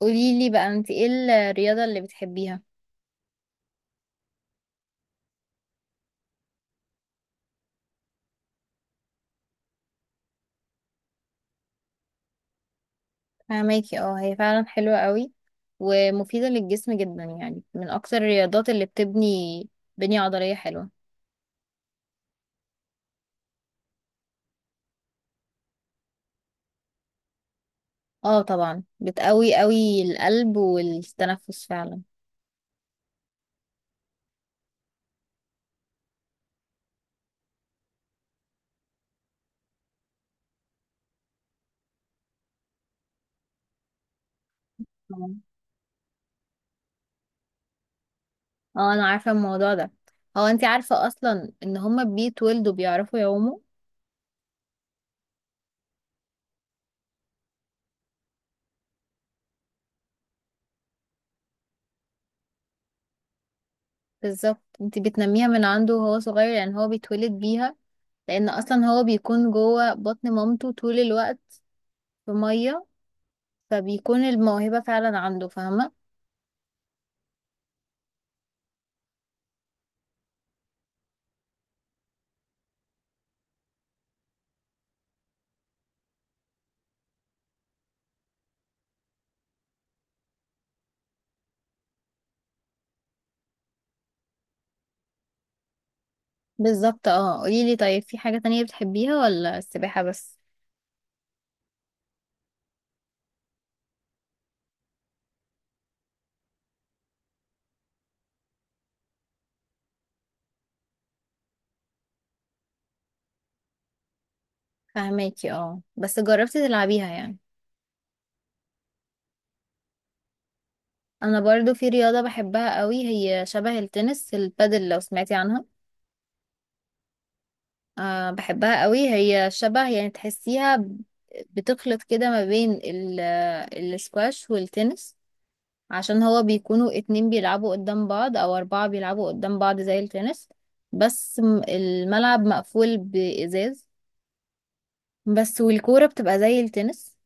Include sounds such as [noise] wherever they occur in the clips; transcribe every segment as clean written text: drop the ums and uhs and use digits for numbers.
قوليلي بقى، انت ايه الرياضة اللي بتحبيها؟ فهماكي، اه، هي فعلا حلوة قوي ومفيدة للجسم جدا، يعني من اكتر الرياضات اللي بتبني بنية عضلية حلوة. اه، طبعا بتقوي قوي القلب والتنفس فعلا. اه، اه، انا عارفة الموضوع ده. هو انت عارفة اصلا ان هما بيتولدوا بيعرفوا يعوموا؟ بالظبط، انت بتنميها من عنده وهو صغير، لان هو بيتولد بيها. لان اصلا هو بيكون جوه بطن مامته طول الوقت في مية، فبيكون الموهبة فعلا عنده، فاهمة؟ بالظبط، اه، قوليلي طيب، في حاجة تانية بتحبيها ولا السباحة بس؟ فاهماكي، اه، بس جربتي تلعبيها يعني. انا برضو في رياضة بحبها قوي، هي شبه التنس، البادل لو سمعتي عنها. بحبها قوي، هي شبه يعني تحسيها بتخلط كده ما بين السكواش والتنس، عشان هو بيكونوا اتنين بيلعبوا قدام بعض، او اربعة بيلعبوا قدام بعض زي التنس. بس الملعب مقفول بإزاز، بس والكورة بتبقى زي التنس،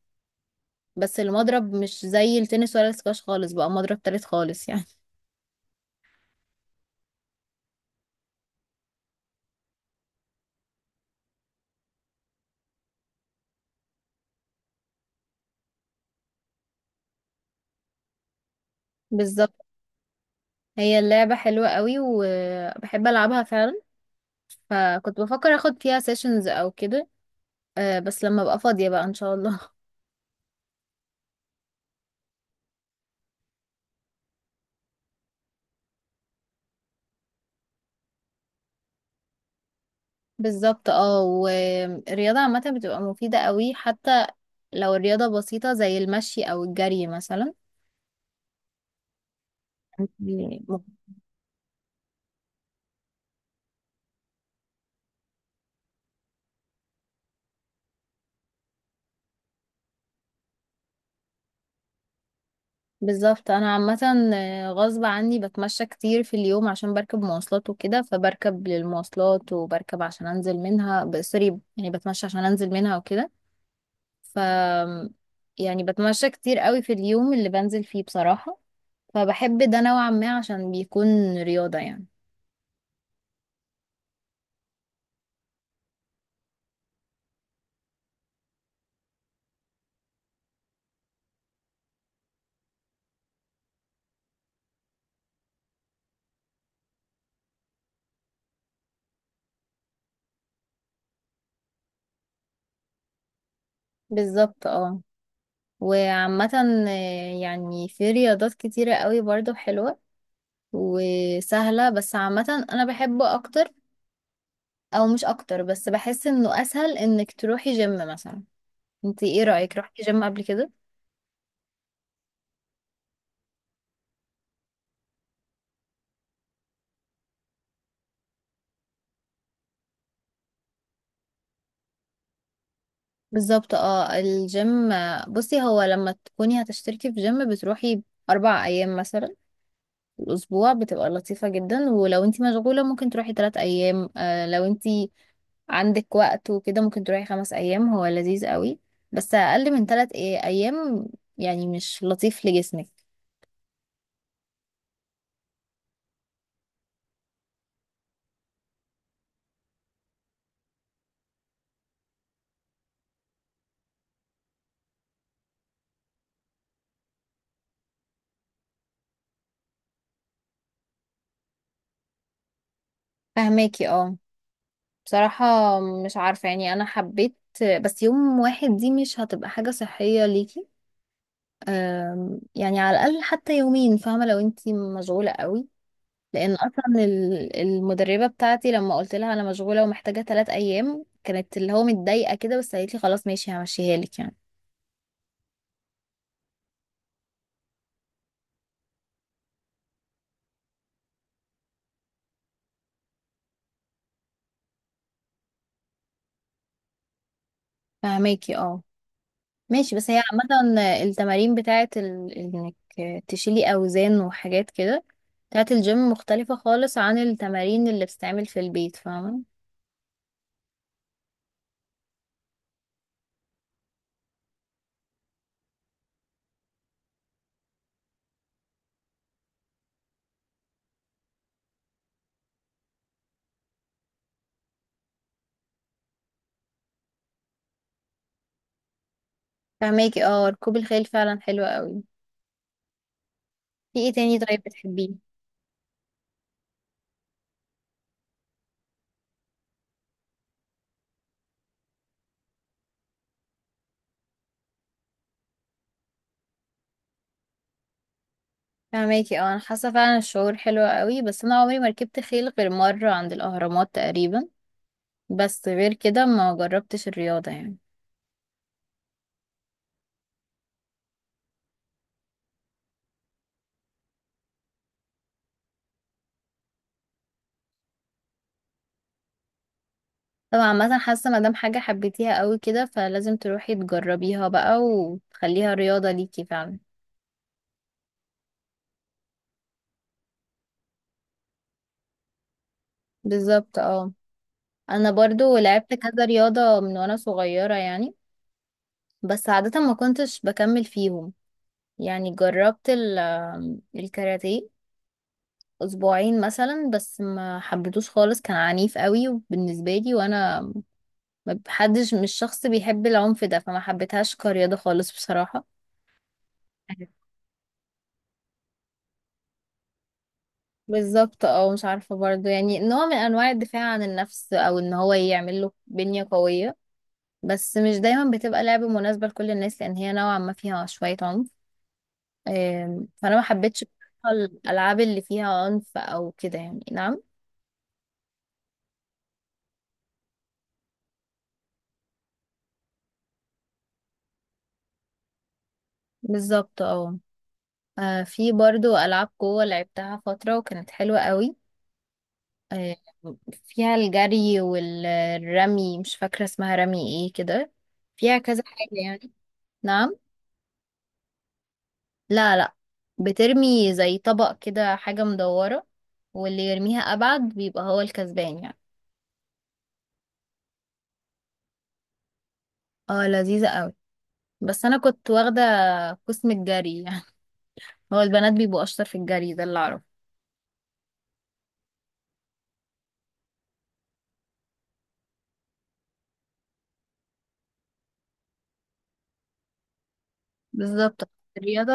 بس المضرب مش زي التنس ولا السكواش خالص، بقى مضرب تالت خالص يعني. [laughs] بالظبط، هي اللعبة حلوة قوي وبحب ألعبها فعلا، فكنت بفكر أخد فيها سيشنز أو كده. بس لما أبقى فاضية بقى إن شاء الله. [laughs] بالظبط، اه، والرياضة عامة بتبقى مفيدة قوي، حتى لو الرياضة بسيطة زي المشي أو الجري مثلا. يعني بالظبط، انا عامه، غصب عني بتمشى كتير في اليوم، عشان بركب مواصلات وكده، فبركب للمواصلات، وبركب عشان انزل منها سوري، يعني بتمشى عشان انزل منها وكده. ف يعني بتمشى كتير قوي في اليوم اللي بنزل فيه بصراحه، فبحب ده نوعا ما، عشان بيكون رياضه يعني. بالظبط، اه، وعامه، يعني في رياضات كتيره قوي برضه حلوه وسهله، بس عامه انا بحبه اكتر، او مش اكتر، بس بحس انه اسهل انك تروحي جيم مثلا. انت ايه رأيك، روحتي جيم قبل كده؟ بالظبط، اه، الجيم، بصي، هو لما تكوني هتشتركي في جيم بتروحي 4 ايام مثلا في الاسبوع، بتبقى لطيفة جدا. ولو انت مشغولة ممكن تروحي 3 ايام، لو انت عندك وقت وكده ممكن تروحي 5 ايام، هو لذيذ قوي. بس اقل من 3 ايام يعني مش لطيف لجسمك. فهماكي، اه، بصراحة مش عارفة يعني أنا حبيت، بس يوم واحد دي مش هتبقى حاجة صحية ليكي. يعني على الأقل حتى يومين، فاهمة، لو انتي مشغولة قوي. لأن أصلا المدربة بتاعتي لما قلت لها أنا مشغولة ومحتاجة 3 أيام، كانت اللي هو متضايقة كده، بس قالت لي خلاص ماشي همشيها لك يعني. فهماكي، اه، ماشي، بس هي عامة التمارين بتاعت إنك تشيلي أوزان وحاجات كده بتاعت الجيم، مختلفة خالص عن التمارين اللي بتتعمل في البيت، فاهمة؟ فهماكي، اه، ركوب الخيل فعلا حلو قوي. في ايه تاني طيب بتحبيه؟ فهماكي، اه، انا حاسه فعلا الشعور حلو قوي، بس انا عمري ما ركبت خيل غير مره عند الاهرامات تقريبا، بس غير كده ما جربتش الرياضه يعني. طبعا مثلا حاسه، ما دام حاجه حبيتيها قوي كده، فلازم تروحي تجربيها بقى وتخليها رياضه ليكي فعلا. بالظبط، اه، انا برضو لعبت كذا رياضه من وانا صغيره يعني، بس عاده ما كنتش بكمل فيهم. يعني جربت الكاراتيه اسبوعين مثلا، بس ما حبيتوش خالص، كان عنيف قوي بالنسبه لي، وانا ما بحدش، مش شخص بيحب العنف ده، فما حبيتهاش كرياضه خالص بصراحه. بالظبط، اه، مش عارفه برضو يعني، نوع من انواع الدفاع عن النفس، او ان هو يعمل له بنيه قويه، بس مش دايما بتبقى لعبه مناسبه لكل الناس، لان هي نوعا ما فيها شويه عنف. فانا ما حبيتش بصراحة الالعاب اللي فيها عنف او كده يعني، نعم. بالظبط، اه، في برضو ألعاب قوة لعبتها فترة وكانت حلوة قوي. آه، فيها الجري والرمي، مش فاكرة اسمها رمي ايه كده، فيها كذا حاجة يعني، نعم. لا، لا، بترمي زي طبق كده، حاجة مدورة، واللي يرميها أبعد بيبقى هو الكسبان يعني. اه، لذيذة قوي، بس أنا كنت واخدة قسم الجري يعني. [laughs] هو البنات بيبقوا أشطر في الجري، ده اللي أعرفه. بالظبط، الرياضة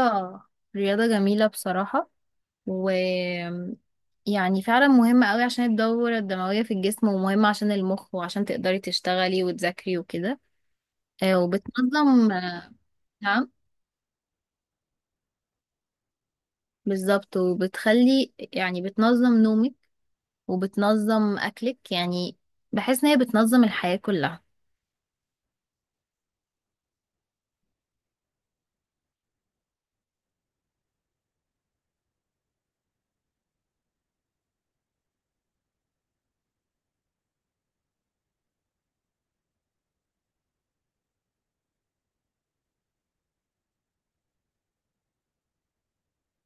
رياضة جميلة بصراحة، و يعني فعلا مهمة قوي، عشان الدورة الدموية في الجسم، ومهمة عشان المخ وعشان تقدري تشتغلي وتذاكري وكده. وبتنظم، آه، نعم. بالظبط، وبتخلي يعني بتنظم نومك، وبتنظم أكلك يعني، بحس إن هي بتنظم الحياة كلها.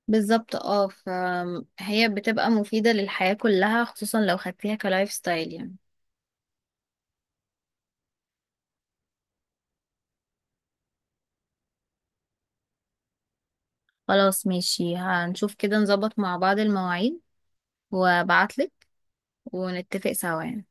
بالظبط، اه، فهي بتبقى مفيدة للحياة كلها، خصوصا لو خدتيها كلايف ستايل يعني. خلاص، ماشي، هنشوف كده نظبط مع بعض المواعيد، وابعتلك، ونتفق سوا يعني.